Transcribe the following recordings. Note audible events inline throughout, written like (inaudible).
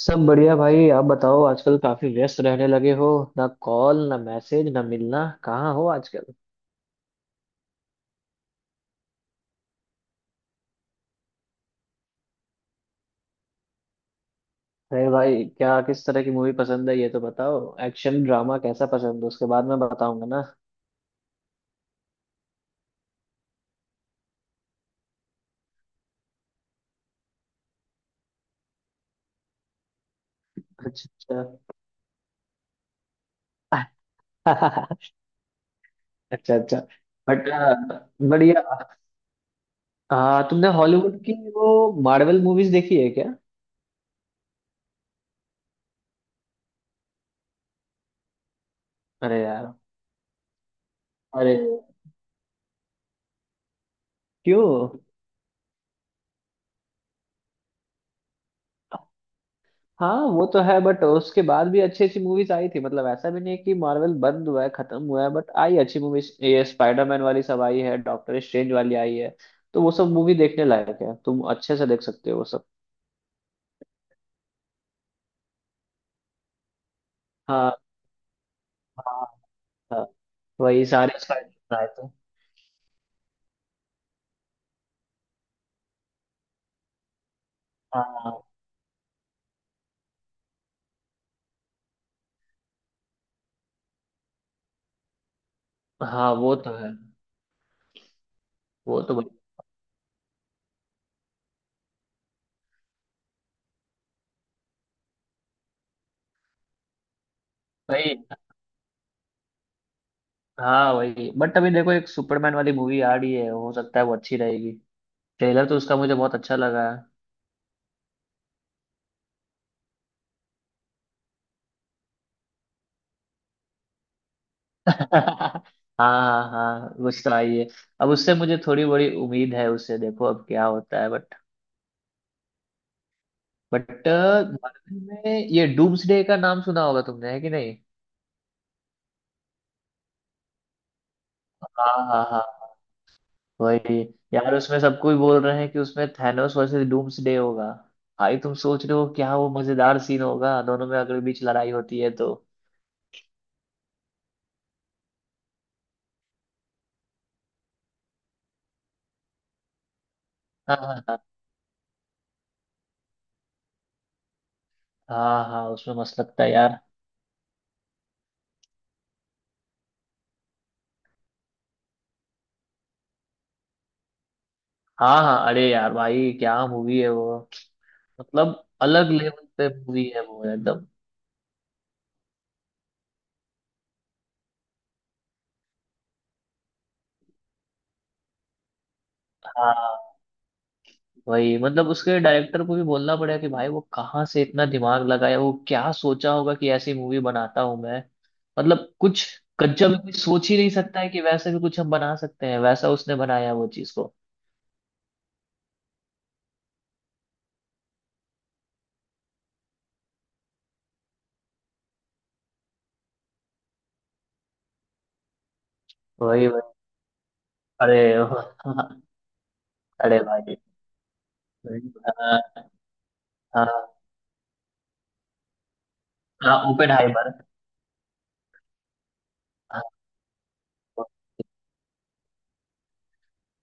सब बढ़िया भाई। आप बताओ, आजकल काफी व्यस्त रहने लगे हो। ना कॉल, ना मैसेज, ना मिलना, कहाँ हो आजकल? अरे भाई क्या, किस तरह की मूवी पसंद है ये तो बताओ। एक्शन ड्रामा कैसा पसंद है, उसके बाद मैं बताऊंगा ना। अच्छा अच्छा। (laughs) अच्छा अच्छा। बट बढ़िया। हाँ तुमने हॉलीवुड की वो मार्वल मूवीज देखी है क्या? अरे यार। अरे क्यों? हाँ वो तो है, बट उसके बाद भी अच्छी अच्छी मूवीज आई थी। मतलब ऐसा भी नहीं है कि मार्वल बंद हुआ है, खत्म हुआ है। बट आई अच्छी मूवीज, ये स्पाइडरमैन वाली सब आई है, डॉक्टर स्ट्रेंज वाली आई है। तो वो सब मूवी देखने लायक है, तुम अच्छे से देख सकते हो वो सब। हाँ हाँ हाँ। वही सारे स्पाइडर आए थे। हाँ हाँ वो तो है। वो तो वही वही। हाँ वही, बट अभी देखो एक सुपरमैन वाली मूवी आ रही है, हो सकता है वो अच्छी रहेगी। ट्रेलर तो उसका मुझे बहुत अच्छा लगा है। (laughs) हाँ हाँ, गुस्सा आई है। अब उससे मुझे थोड़ी बड़ी उम्मीद है, उससे देखो अब क्या होता है। बट मार्वल में ये डूम्सडे का नाम सुना होगा तुमने, है कि नहीं? हाँ हाँ हाँ। वही। यार उसमें सब कोई बोल रहे हैं कि उसमें थैनोस वर्सेस डूम्सडे होगा। भाई तुम सोच रहे हो क्या, वो मजेदार सीन होगा दोनों में अगर बीच लड़ाई होती है तो। हाँ हाँ हाँ। हाँ हाँ, उसमें मस्त लगता है यार। हाँ हाँ अरे यार भाई, क्या मूवी है वो। मतलब अलग लेवल पे मूवी है वो एकदम। हाँ वही, मतलब उसके डायरेक्टर को भी बोलना पड़ेगा कि भाई वो कहाँ से इतना दिमाग लगाया, वो क्या सोचा होगा कि ऐसी मूवी बनाता हूँ मैं। मतलब कुछ कच्चा भी कोई सोच ही नहीं सकता है कि वैसे भी कुछ हम बना सकते हैं, वैसा उसने बनाया वो चीज को। वही वही। अरे (laughs) अरे भाई। हाँ हाँ, ओपेनहाइमर।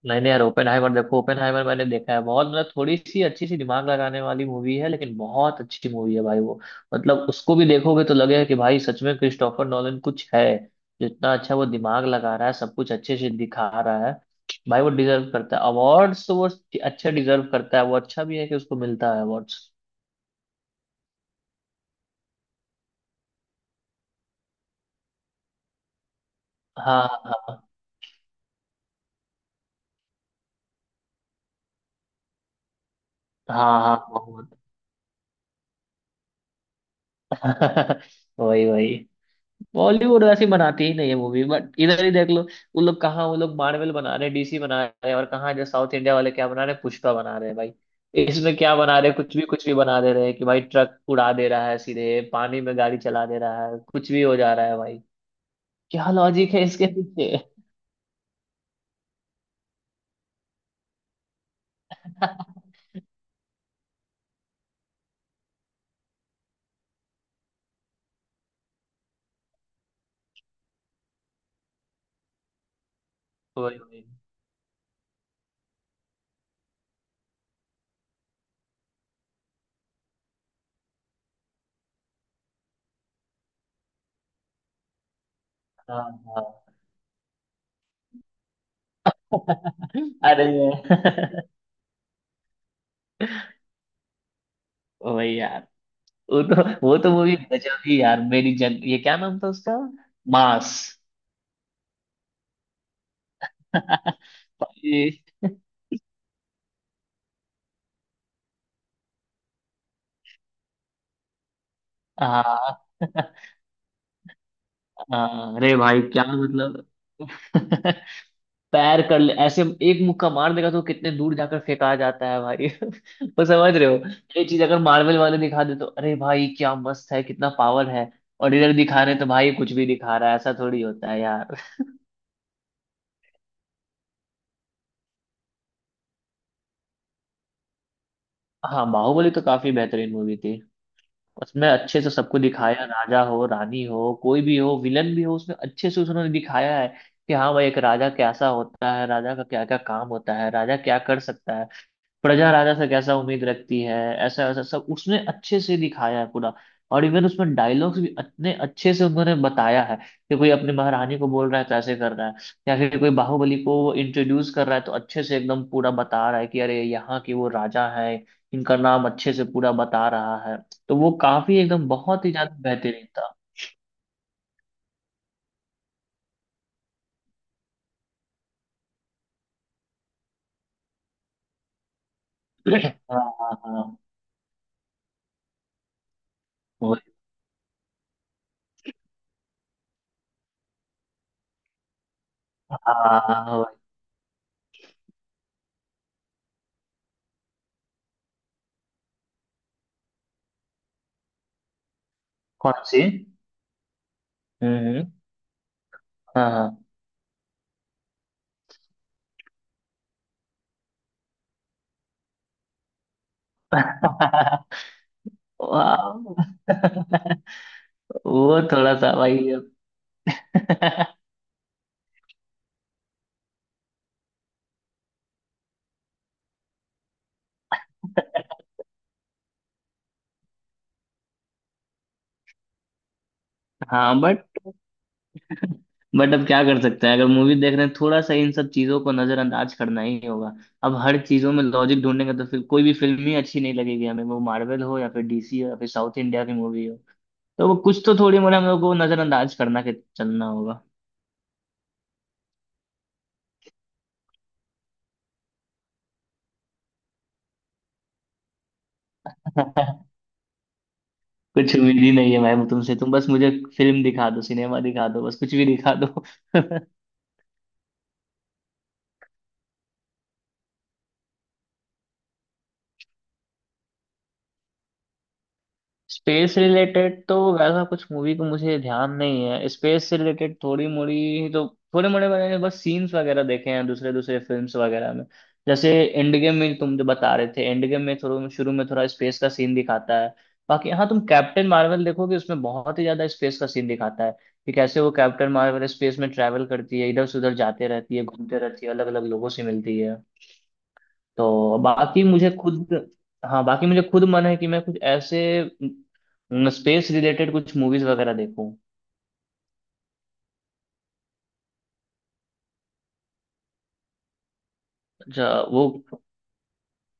नहीं नहीं यार, ओपेनहाइमर देखो। ओपेनहाइमर मैंने देखा है, बहुत मतलब थोड़ी सी अच्छी सी दिमाग लगाने वाली मूवी है, लेकिन बहुत अच्छी मूवी है भाई वो। मतलब उसको भी देखोगे तो लगेगा कि भाई सच में क्रिस्टोफर नॉलन कुछ है। जितना अच्छा वो दिमाग लगा रहा है, सब कुछ अच्छे से दिखा रहा है। भाई वो डिजर्व करता है अवार्ड्स तो वो अच्छा डिजर्व करता है, वो अच्छा भी है कि उसको मिलता है अवार्ड्स। हाँ हाँ। हाँ हाँ बहुत। (laughs) वही वही। बॉलीवुड वैसी बनाती ही नहीं है मूवी, बट इधर ही देख लो। वो लोग कहाँ, वो लोग मार्वल बना रहे हैं, डीसी बना रहे हैं, और कहाँ जो साउथ इंडिया वाले क्या बना रहे हैं, पुष्पा बना रहे हैं भाई। इसमें क्या बना रहे हैं, कुछ भी बना दे रहे हैं कि भाई ट्रक उड़ा दे रहा है, सीधे पानी में गाड़ी चला दे रहा है, कुछ भी हो जा रहा है भाई। क्या लॉजिक है इसके पीछे? (laughs) वही वही। हाँ हाँ। (laughs) अरे। (laughs) वही यार। वो तो वो तो मूवी गजब ही यार मेरी जन, ये क्या नाम था उसका? मास। (laughs) हाँ हाँ, (laughs) अरे भाई क्या मतलब। (laughs) पैर कर ले ऐसे, एक मुक्का मार देगा तो कितने दूर जाकर फेंका जाता है भाई। (laughs) वो समझ रहे हो? ये चीज अगर मार्वल वाले दिखा दे तो अरे भाई क्या मस्त है, कितना पावर है। और इधर दिखा रहे हैं तो भाई कुछ भी दिखा रहा है, ऐसा थोड़ी होता है यार। हाँ बाहुबली तो काफी बेहतरीन मूवी थी। उसमें अच्छे से सबको दिखाया, राजा हो रानी हो कोई भी हो विलन भी हो, उसमें अच्छे से उन्होंने दिखाया है कि हाँ भाई एक राजा कैसा होता है, राजा का क्या क्या काम होता है, राजा क्या कर सकता है। प्रजा राजा से कैसा उम्मीद रखती है। ऐसा वैसा सब उसने अच्छे से दिखाया है पूरा। और इवन उसमें डायलॉग्स भी इतने अच्छे से उन्होंने बताया है कि कोई अपनी महारानी को बोल रहा है तो ऐसे कर रहा है। या फिर कोई बाहुबली को इंट्रोड्यूस कर रहा है तो अच्छे से एकदम पूरा बता रहा है कि अरे यहाँ के वो राजा है, इनका नाम अच्छे से पूरा बता रहा है। तो वो काफी एकदम बहुत ही ज्यादा बेहतरीन था। (coughs) (clears throat) हाँ हाँ हाँ। वही। हाँ हाँ, वही। कौन सी? हम्म हम्म, हाँ हाँ। (laughs) वाह। (laughs) वो थोड़ा सा भाई अब। (laughs) हाँ बट अब क्या कर सकते हैं, अगर मूवी देख रहे हैं थोड़ा सा इन सब चीजों को नजरअंदाज करना ही होगा। अब हर चीजों में लॉजिक ढूंढेंगे तो फिर कोई भी फिल्म ही अच्छी नहीं लगेगी हमें, वो मार्वल हो या फिर डीसी हो या फिर साउथ इंडिया की मूवी हो। तो वो कुछ तो थोड़ी मोड़ी हम लोग को नजरअंदाज करना के चलना होगा। (laughs) कुछ उम्मीद ही नहीं है मैम तुमसे, तुम बस मुझे फिल्म दिखा दो, सिनेमा दिखा दो, बस कुछ भी दिखा दो। (laughs) स्पेस रिलेटेड तो वैसा कुछ मूवी को मुझे ध्यान नहीं है। स्पेस से रिलेटेड थोड़ी मोड़ी तो थोड़े मोड़े मैंने तो बस सीन्स वगैरह देखे हैं दूसरे दूसरे फिल्म्स वगैरह में। जैसे एंड गेम में तुम जो बता रहे थे, एंड गेम में थोड़ा शुरू में थोड़ा स्पेस का सीन दिखाता है। बाकी हाँ, तुम कैप्टन मार्वल देखोगे, उसमें बहुत ही ज्यादा स्पेस का सीन दिखाता है कि कैसे वो कैप्टन मार्वल स्पेस में ट्रैवल करती है, इधर से उधर जाते रहती है, घूमते रहती है, अलग अलग लोगों से मिलती है। तो बाकी मुझे खुद। हाँ बाकी मुझे खुद मन है कि मैं कुछ ऐसे स्पेस रिलेटेड कुछ मूवीज वगैरह देखूं। अच्छा वो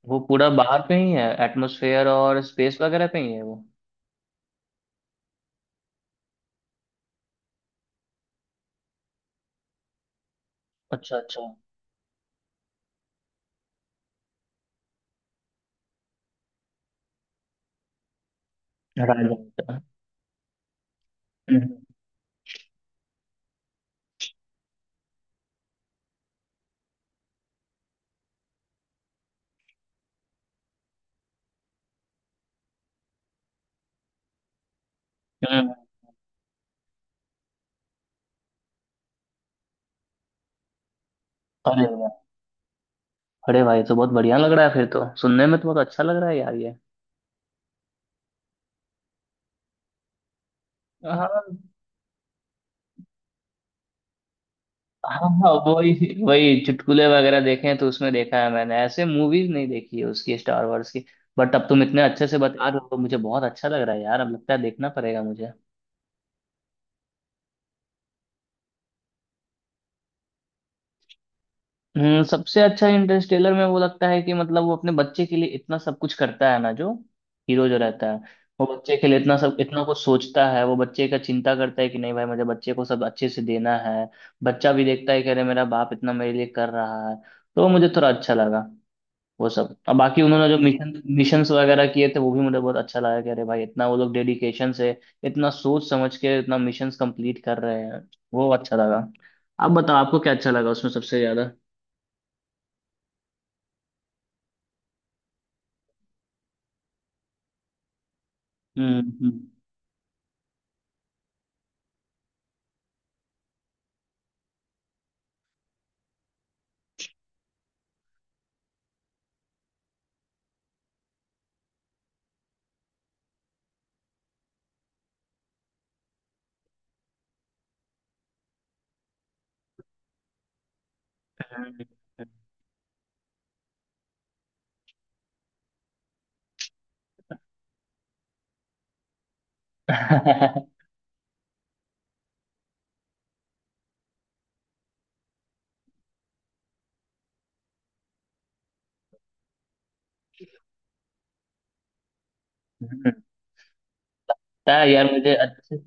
वो पूरा बाहर पे ही है, एटमॉस्फेयर और स्पेस वगैरह पे ही है वो। अच्छा अच्छा। राजा। हम्म, हम्म। अरे वाह। अरे भाई तो बहुत बढ़िया लग रहा है, फिर तो सुनने में तो बहुत अच्छा लग रहा है यार ये। हाँ हाँ हाँ। वही वही चुटकुले वगैरह देखे हैं तो उसमें देखा है मैंने, ऐसे मूवीज नहीं देखी है उसकी स्टार वॉर्स की। बट अब तुम इतने अच्छे से बता रहे हो तो मुझे बहुत अच्छा लग रहा है यार, अब लगता है देखना पड़ेगा मुझे। हम्म, सबसे अच्छा इंटरस्टेलर में वो लगता है कि मतलब वो अपने बच्चे के लिए इतना सब कुछ करता है ना, जो हीरो जो रहता है। वो बच्चे के लिए इतना सब इतना कुछ सोचता है, वो बच्चे का चिंता करता है कि नहीं भाई मुझे बच्चे को सब अच्छे से देना है। बच्चा भी देखता है कि अरे मेरा बाप इतना मेरे लिए कर रहा है। तो वो मुझे थोड़ा अच्छा लगा वो सब। और बाकी उन्होंने जो मिशन मिशंस वगैरह किए थे वो भी मुझे बहुत अच्छा लगा कि अरे भाई इतना वो लोग डेडिकेशन से इतना सोच समझ के इतना मिशंस कंप्लीट कर रहे हैं। वो अच्छा लगा। आप बताओ आपको क्या अच्छा लगा उसमें सबसे ज्यादा? हम्म। (laughs) हम्म। ता यार मुझे अच्छे।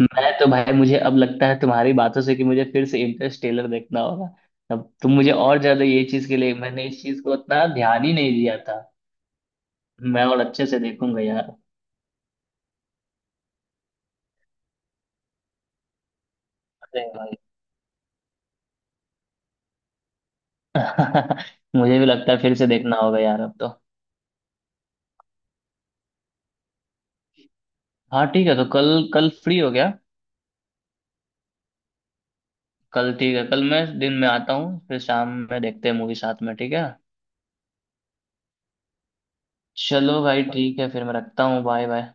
मैं तो भाई, मुझे अब लगता है तुम्हारी बातों से कि मुझे फिर से इंटरस्टेलर देखना होगा। अब तुम मुझे और ज्यादा ये चीज के लिए, मैंने इस चीज को उतना ध्यान ही नहीं दिया था, मैं और अच्छे से देखूंगा यार। अरे भाई। (laughs) मुझे भी लगता है फिर से देखना होगा यार अब तो। हाँ ठीक है तो कल, कल फ्री हो गया। कल ठीक है, कल मैं दिन में आता हूँ, फिर शाम में देखते हैं मूवी साथ में, ठीक है। चलो भाई ठीक है, फिर मैं रखता हूँ, बाय बाय।